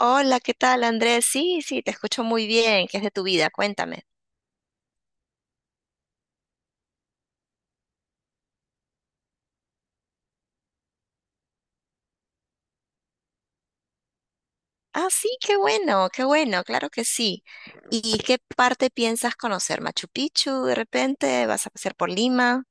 Hola, ¿qué tal, Andrés? Sí, sí, te escucho muy bien. ¿Qué es de tu vida? Cuéntame. Ah, sí, qué bueno, claro que sí. ¿Y qué parte piensas conocer? ¿Machu Picchu de repente? ¿Vas a pasar por Lima?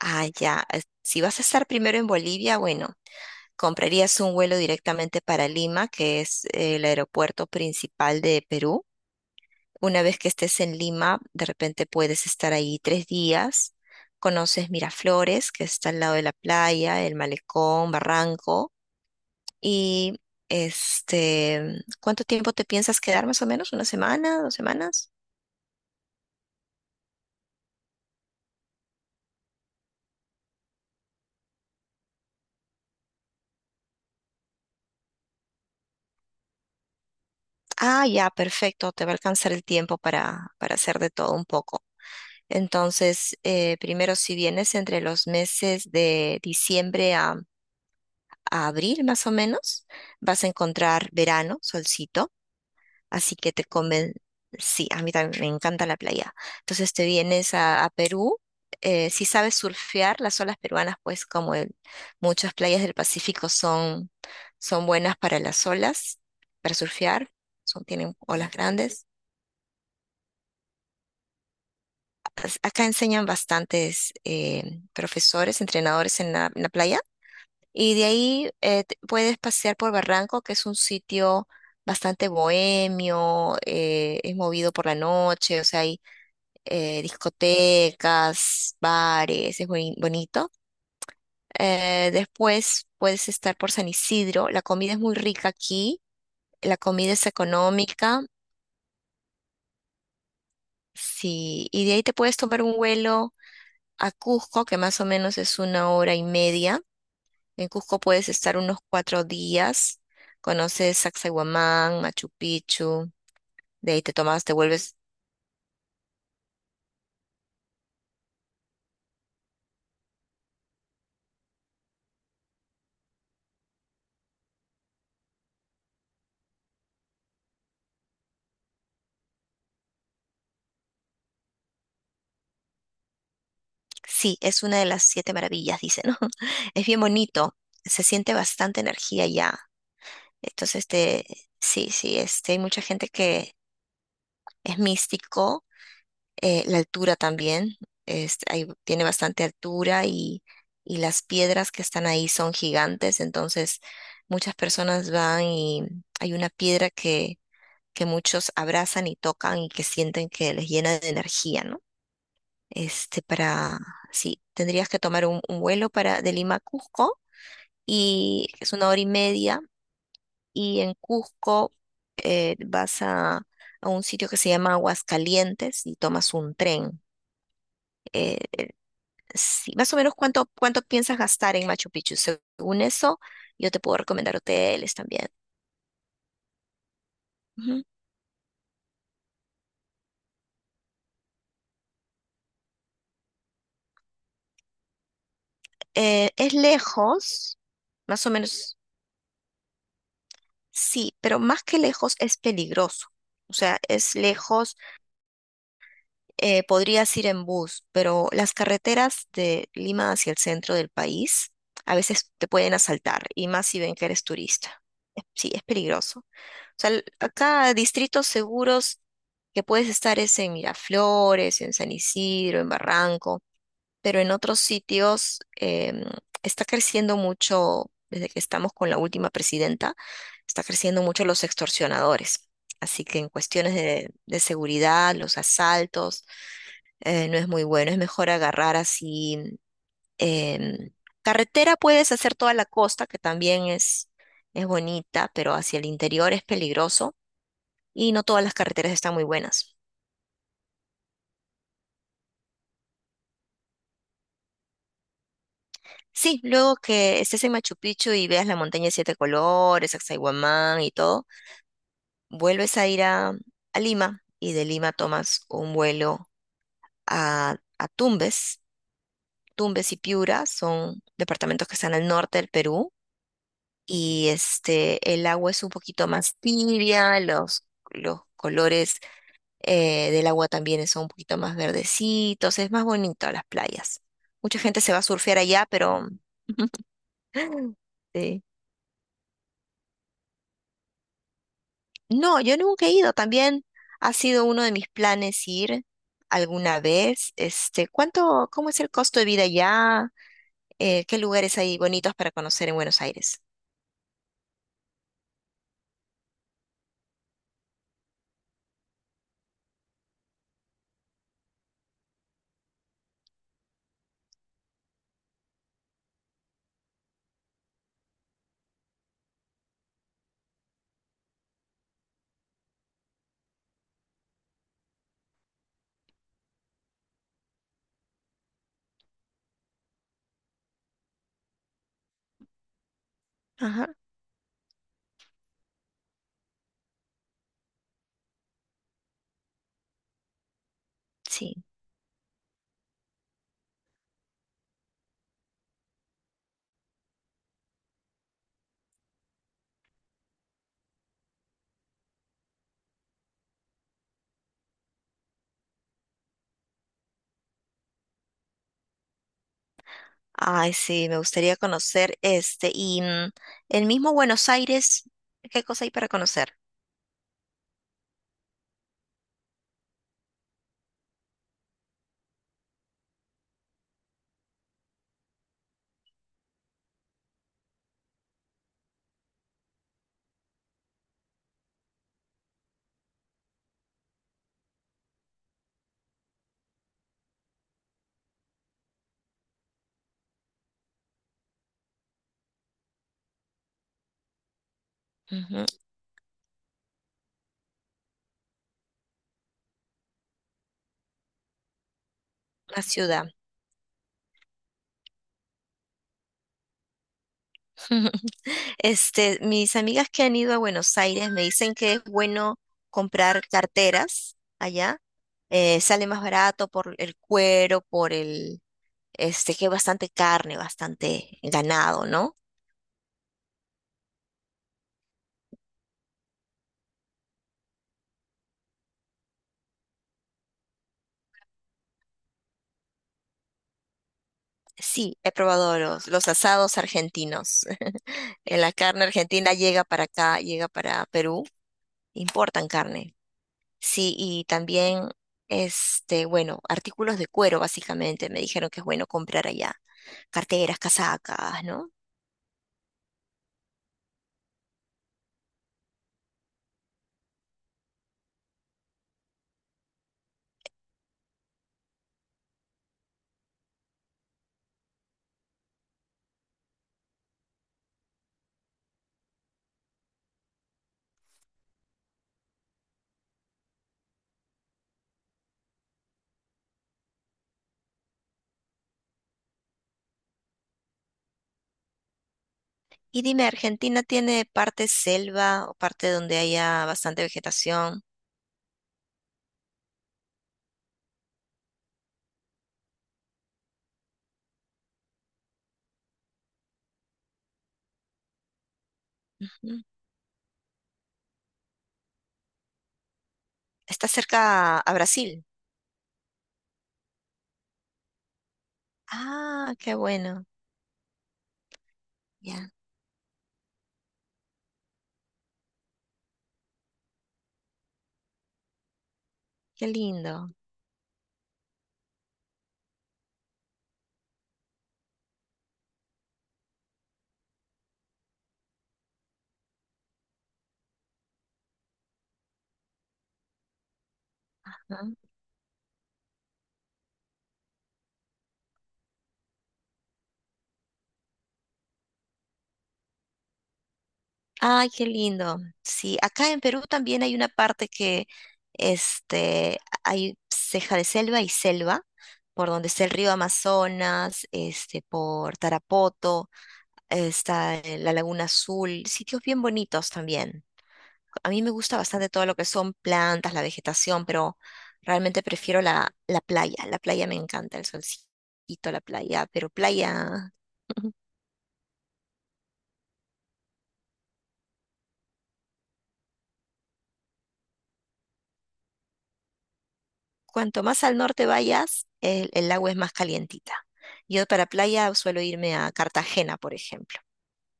Ah, ya. Si vas a estar primero en Bolivia, bueno, comprarías un vuelo directamente para Lima, que es el aeropuerto principal de Perú. Una vez que estés en Lima, de repente puedes estar ahí tres días. Conoces Miraflores, que está al lado de la playa, el malecón, Barranco. Y ¿Cuánto tiempo te piensas quedar más o menos? ¿Una semana? ¿Dos semanas? Ah, ya, perfecto. Te va a alcanzar el tiempo para hacer de todo un poco. Entonces, primero, si vienes entre los meses de diciembre a abril, más o menos, vas a encontrar verano, solcito. Así que te conven... Sí, a mí también me encanta la playa. Entonces te vienes a Perú. Si sabes surfear, las olas peruanas, pues muchas playas del Pacífico son buenas para las olas, para surfear, tienen olas grandes. Acá enseñan bastantes profesores, entrenadores en la playa. Y de ahí puedes pasear por Barranco, que es un sitio bastante bohemio, es movido por la noche, o sea, hay discotecas, bares, bonito. Después puedes estar por San Isidro, la comida es muy rica aquí, la comida es económica, sí, y de ahí te puedes tomar un vuelo a Cusco, que más o menos es una hora y media. En Cusco puedes estar unos cuatro días, conoces Sacsayhuamán, Machu Picchu, de ahí te vuelves, sí, es una de las siete maravillas, dicen, ¿no? Es bien bonito, se siente bastante energía allá. Entonces, sí, sí, hay mucha gente que es místico, la altura también, tiene bastante altura, y las piedras que están ahí son gigantes, entonces muchas personas van y hay una piedra que muchos abrazan y tocan y que sienten que les llena de energía, ¿no? Este, para, sí, tendrías que tomar un vuelo de Lima a Cusco, y es una hora y media, y en Cusco vas a un sitio que se llama Aguascalientes y tomas un tren. Eh, sí, más o menos cuánto piensas gastar en Machu Picchu. Según eso, yo te puedo recomendar hoteles también. Ujú. Es lejos, más o menos, sí, pero más que lejos es peligroso. O sea, es lejos, podrías ir en bus, pero las carreteras de Lima hacia el centro del país a veces te pueden asaltar, y más si ven que eres turista. Sí, es peligroso. O sea, acá distritos seguros que puedes estar es en Miraflores, en San Isidro, en Barranco, pero en otros sitios, está creciendo mucho, desde que estamos con la última presidenta, está creciendo mucho los extorsionadores. Así que en cuestiones de seguridad, los asaltos, no es muy bueno, es mejor agarrar así. em, Carretera puedes hacer toda la costa, que también es bonita, pero hacia el interior es peligroso, y no todas las carreteras están muy buenas. Sí, luego que estés en Machu Picchu y veas la montaña de siete colores, Axaywamán y todo, vuelves a ir a Lima, y de Lima tomas un vuelo a Tumbes. Tumbes y Piura son departamentos que están al norte del Perú, y el agua es un poquito más tibia, los colores del agua también son un poquito más verdecitos, es más bonito las playas. Mucha gente se va a surfear allá, pero sí. No, yo nunca he ido, también ha sido uno de mis planes ir alguna vez. ¿ Cómo es el costo de vida allá? ¿Qué lugares hay bonitos para conocer en Buenos Aires? Ajá, sí. Ay, sí, me gustaría conocer este. El mismo Buenos Aires, ¿qué cosa hay para conocer? Ujú. La ciudad. Mis amigas que han ido a Buenos Aires me dicen que es bueno comprar carteras allá. Sale más barato por el cuero, que hay bastante carne, bastante ganado, ¿no? Sí, he probado los asados argentinos. La carne argentina llega para acá, llega para Perú, importan carne. Sí, y también, bueno, artículos de cuero, básicamente, me dijeron que es bueno comprar allá. Carteras, casacas, ¿no? Y dime, ¿Argentina tiene parte selva o parte donde haya bastante vegetación? Ujú. Está cerca a Brasil. Ah, qué bueno. Ya, qué lindo. Ay, qué lindo. Sí, acá en Perú también hay una parte que este, hay ceja de selva y selva, por donde está el río Amazonas, por Tarapoto, está la Laguna Azul, sitios bien bonitos también. A mí me gusta bastante todo lo que son plantas, la vegetación, pero realmente prefiero la playa. La playa me encanta, el solcito, la playa, pero playa. Cuanto más al norte vayas, el agua es más calientita. Yo para playa suelo irme a Cartagena, por ejemplo.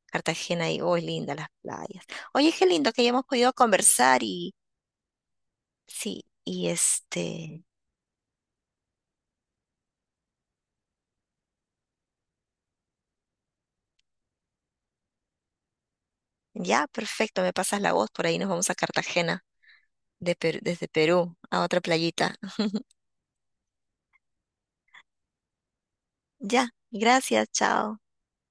Cartagena y, oh, es linda las playas. Oye, qué lindo que hayamos podido conversar y, sí, ya, perfecto, me pasas la voz, por ahí nos vamos a Cartagena desde Perú a otra playita. Ya, gracias, chao.